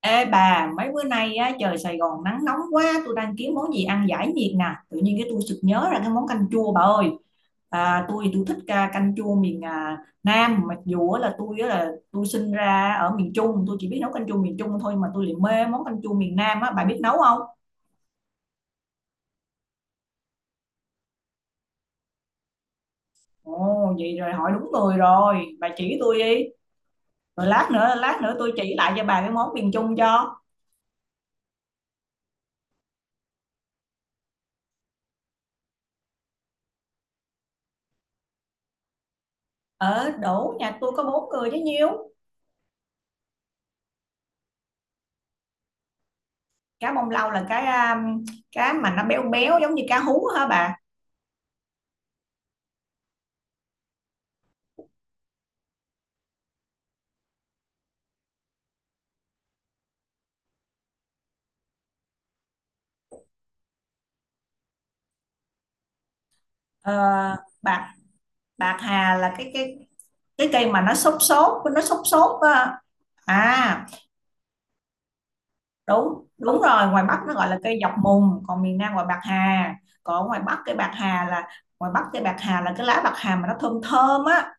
Ê bà, mấy bữa nay á, trời Sài Gòn nắng nóng quá, tôi đang kiếm món gì ăn giải nhiệt nè. Tự nhiên cái tôi sực nhớ ra cái món canh chua bà ơi. Tôi thích canh chua miền Nam, mặc dù á là tôi sinh ra ở miền Trung, tôi chỉ biết nấu canh chua miền Trung thôi mà tôi lại mê món canh chua miền Nam á, bà biết nấu không? Ồ, vậy rồi hỏi đúng người rồi, bà chỉ tôi đi. Rồi lát nữa tôi chỉ lại cho bà cái món miền Trung cho. Ở đổ nhà tôi có bốn người chứ nhiêu. Cá bông lau là cá cá mà nó béo béo giống như cá hú hả bà? Ờ, bạc bạc hà là cái cái cây mà nó xốp xốp, nó xốp xốp á. à đúng đúng rồi, ngoài Bắc nó gọi là cây dọc mùng, còn miền Nam gọi bạc hà. Còn ở ngoài Bắc cây bạc hà là, ngoài Bắc cây bạc hà là cái lá bạc hà mà nó thơm thơm á.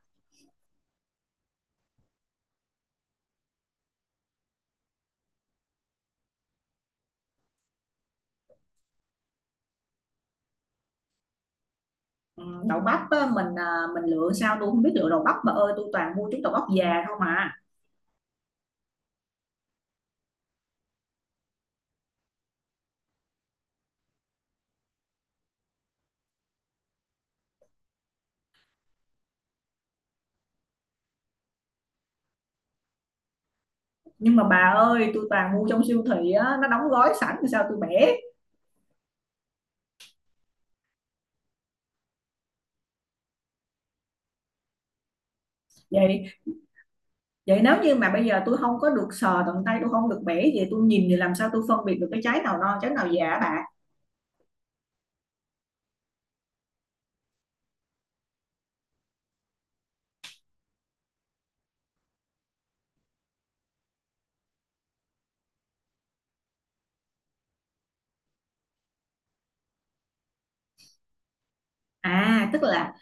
Ừ, đậu bắp á, mình lựa sao tôi không biết lựa đậu bắp bà ơi, tôi toàn mua trúng đậu bắp già không à. Nhưng mà bà ơi tôi toàn mua trong siêu thị á, nó đóng gói sẵn sao tôi bẻ? Vậy Vậy nếu như mà bây giờ tôi không có được sờ tận tay, tôi không được bẻ gì, tôi nhìn thì làm sao tôi phân biệt được cái trái nào non trái nào già hả bà? À tức là,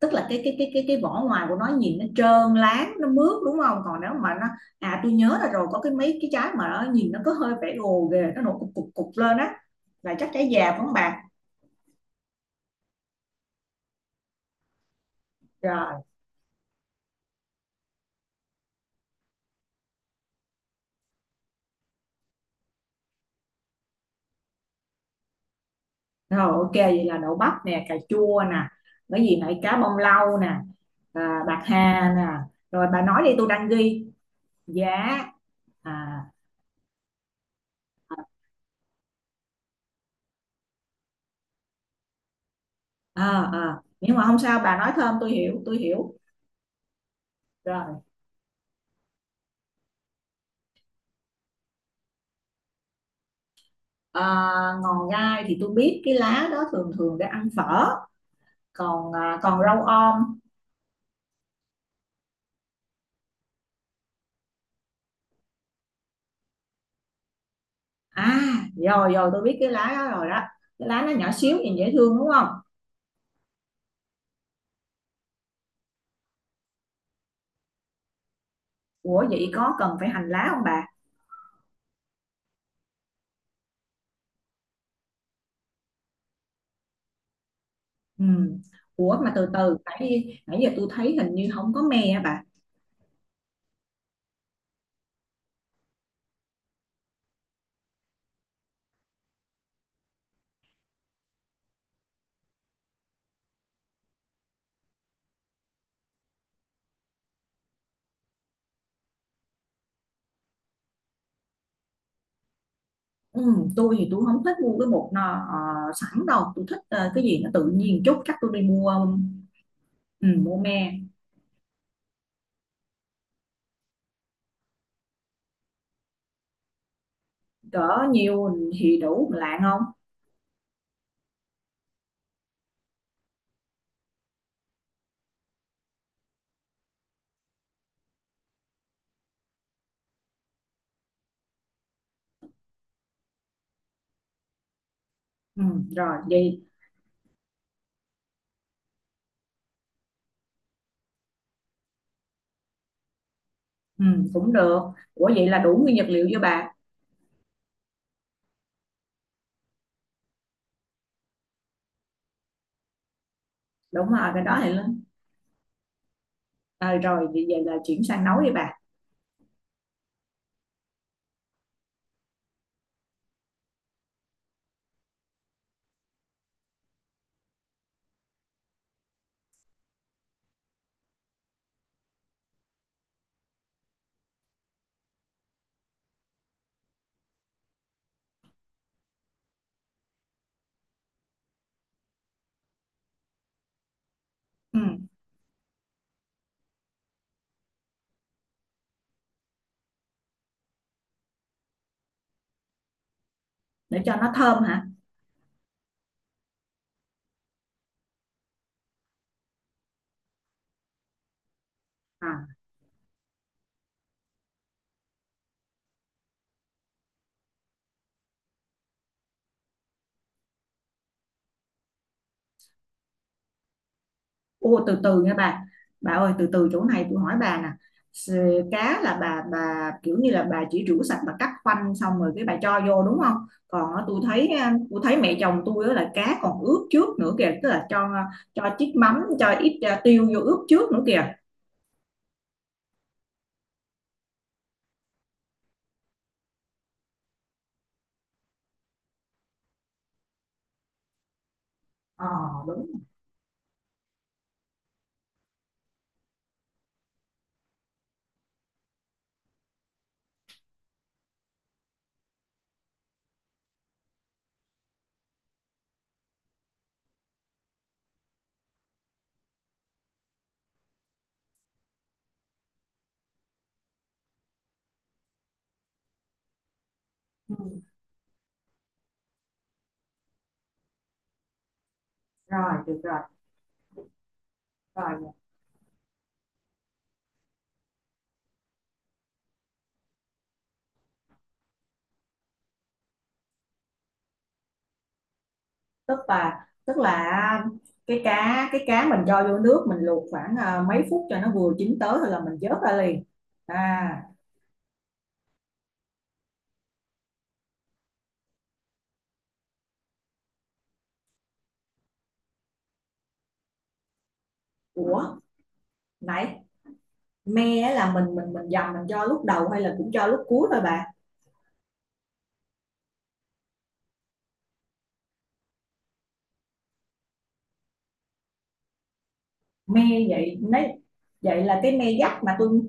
cái vỏ ngoài của nó nhìn nó trơn láng nó mướt đúng không? Còn nếu mà nó, à tôi nhớ là rồi có cái mấy cái trái mà nó nhìn nó có hơi vẻ gồ ghề, nó nổi cục cục cục lên á, là chắc trái già phải không bà? Rồi rồi ok, vậy là đậu bắp nè, cà chua nè, cái gì nãy, cá bông lau nè, bạc hà nè. Rồi bà nói đi tôi đang ghi. Giá. à, À, nhưng mà không sao, bà nói thơm tôi hiểu tôi hiểu. Rồi à, ngòn gai thì tôi biết, cái lá đó thường thường để ăn phở. Còn còn rau om. à rồi rồi tôi biết cái lá đó rồi đó, cái lá nó nhỏ xíu nhìn dễ thương đúng không? Ủa vậy có cần phải hành lá không bà? Ừ. Ủa mà từ từ nãy nãy giờ tôi thấy hình như không có me á bà? Ừ, tôi không thích mua cái bột nó ờ, sẵn đâu, tôi thích cái gì nó tự nhiên chút, chắc tôi đi mua. Ừ, mua me. Cỡ nhiêu thì đủ lạng không? Ừ, rồi vậy. Ừ, cũng được. Ủa vậy là đủ nguyên vật liệu chưa bà? Đúng rồi, cái đó thì lên. Rồi vậy, vậy là chuyển sang nấu đi bà. Ừ, để cho nó thơm hả? À, ô, từ từ nha bà. Bà ơi từ từ, chỗ này tôi hỏi bà nè. Cá là bà kiểu như là bà chỉ rửa sạch, bà cắt khoanh xong rồi cái bà cho vô đúng không? Còn á, tôi thấy mẹ chồng tôi á là cá còn ướp trước nữa kìa, tức là cho chiếc mắm cho ít tiêu vô ướp trước nữa kìa. Ờ đúng rồi. Ừ. Rồi được rồi. Rồi tức là cái cá mình cho vô nước mình luộc khoảng mấy phút cho nó vừa chín tới rồi là mình vớt ra liền. À. Ủa nãy me á là mình dầm, mình cho lúc đầu hay là cũng cho lúc cuối thôi bà? Me. Vậy vậy là cái me dắt mà tôi,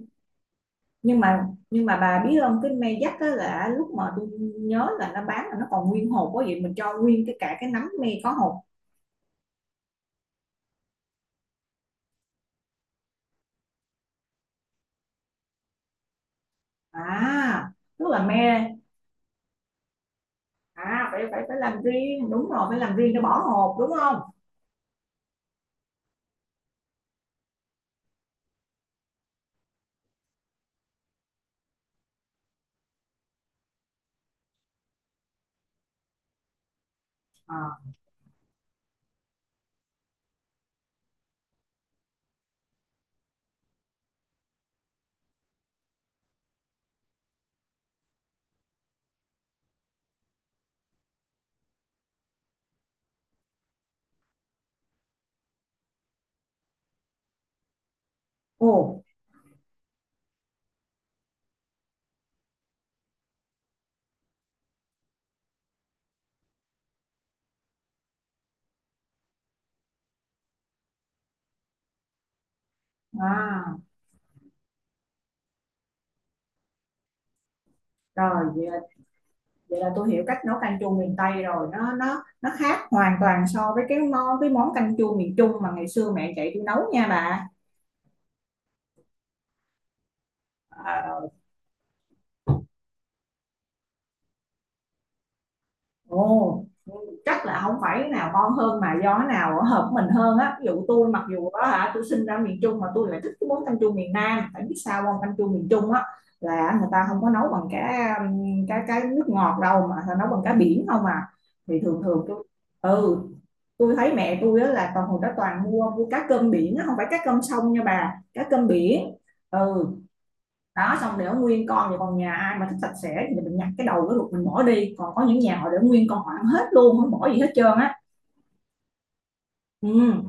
nhưng mà bà biết không, cái me dắt á là lúc mà tôi nhớ là nó bán là nó còn nguyên hột quá, vậy mình cho nguyên cái cả cái nắm me có hột. À tức là me. À phải phải phải làm riêng, đúng rồi, phải làm riêng cho bỏ hột đúng không? À. Ồ. À rồi vậy là tôi hiểu cách nấu canh chua miền Tây rồi, nó khác hoàn toàn so với cái món canh chua miền Trung mà ngày xưa mẹ chạy tôi nấu nha bà. à, Ồ, chắc là không phải cái nào ngon hơn mà do cái nào hợp mình hơn á. Ví dụ tôi mặc dù đó hả, tôi sinh ra miền Trung mà tôi lại thích cái món canh chua miền Nam. Tại biết sao không? Canh chua miền Trung á là người ta không có nấu bằng cái cái nước ngọt đâu mà người ta nấu bằng cá biển không à. Thì thường thường tôi, ừ, tôi thấy mẹ tôi á là toàn hồi đó toàn mua mua cá cơm biển á, không phải cá cơm sông nha bà, cá cơm biển. Ừ, đó xong để nguyên con, thì còn nhà ai mà thích sạch sẽ thì mình nhặt cái đầu cái ruột mình bỏ đi, còn có những nhà họ để nguyên con họ ăn hết luôn không bỏ gì hết trơn á. Ừ.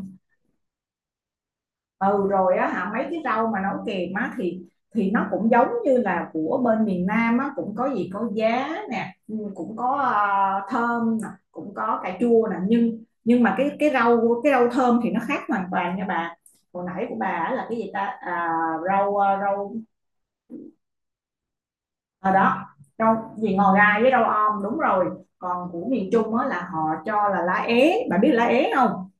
Ừ rồi á hả, mấy cái rau mà nấu kèm á thì nó cũng giống như là của bên miền Nam á, cũng có gì, có giá nè, cũng có thơm nè, cũng có cà chua nè, nhưng mà cái rau thơm thì nó khác hoàn toàn nha bà. Hồi nãy của bà á là cái gì ta, rau rau. Ờ, đó, đâu gì ngò gai với rau om đúng rồi. Còn của miền Trung mới là họ cho là lá é, bạn biết lá é không?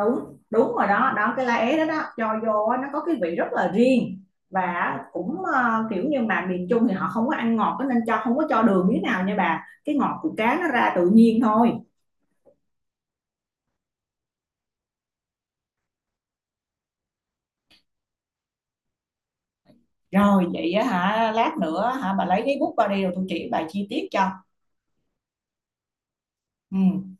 Đúng đúng rồi đó, đó cái lá é đó đó, cho vô nó có cái vị rất là riêng. Và cũng kiểu như mà miền Trung thì họ không có ăn ngọt, nên cho không có cho đường miếng nào nha bà, cái ngọt của cá nó ra tự nhiên thôi. Rồi vậy hả, lát nữa hả bà lấy cái bút qua đi rồi tôi chỉ bà chi tiết cho. Ừ.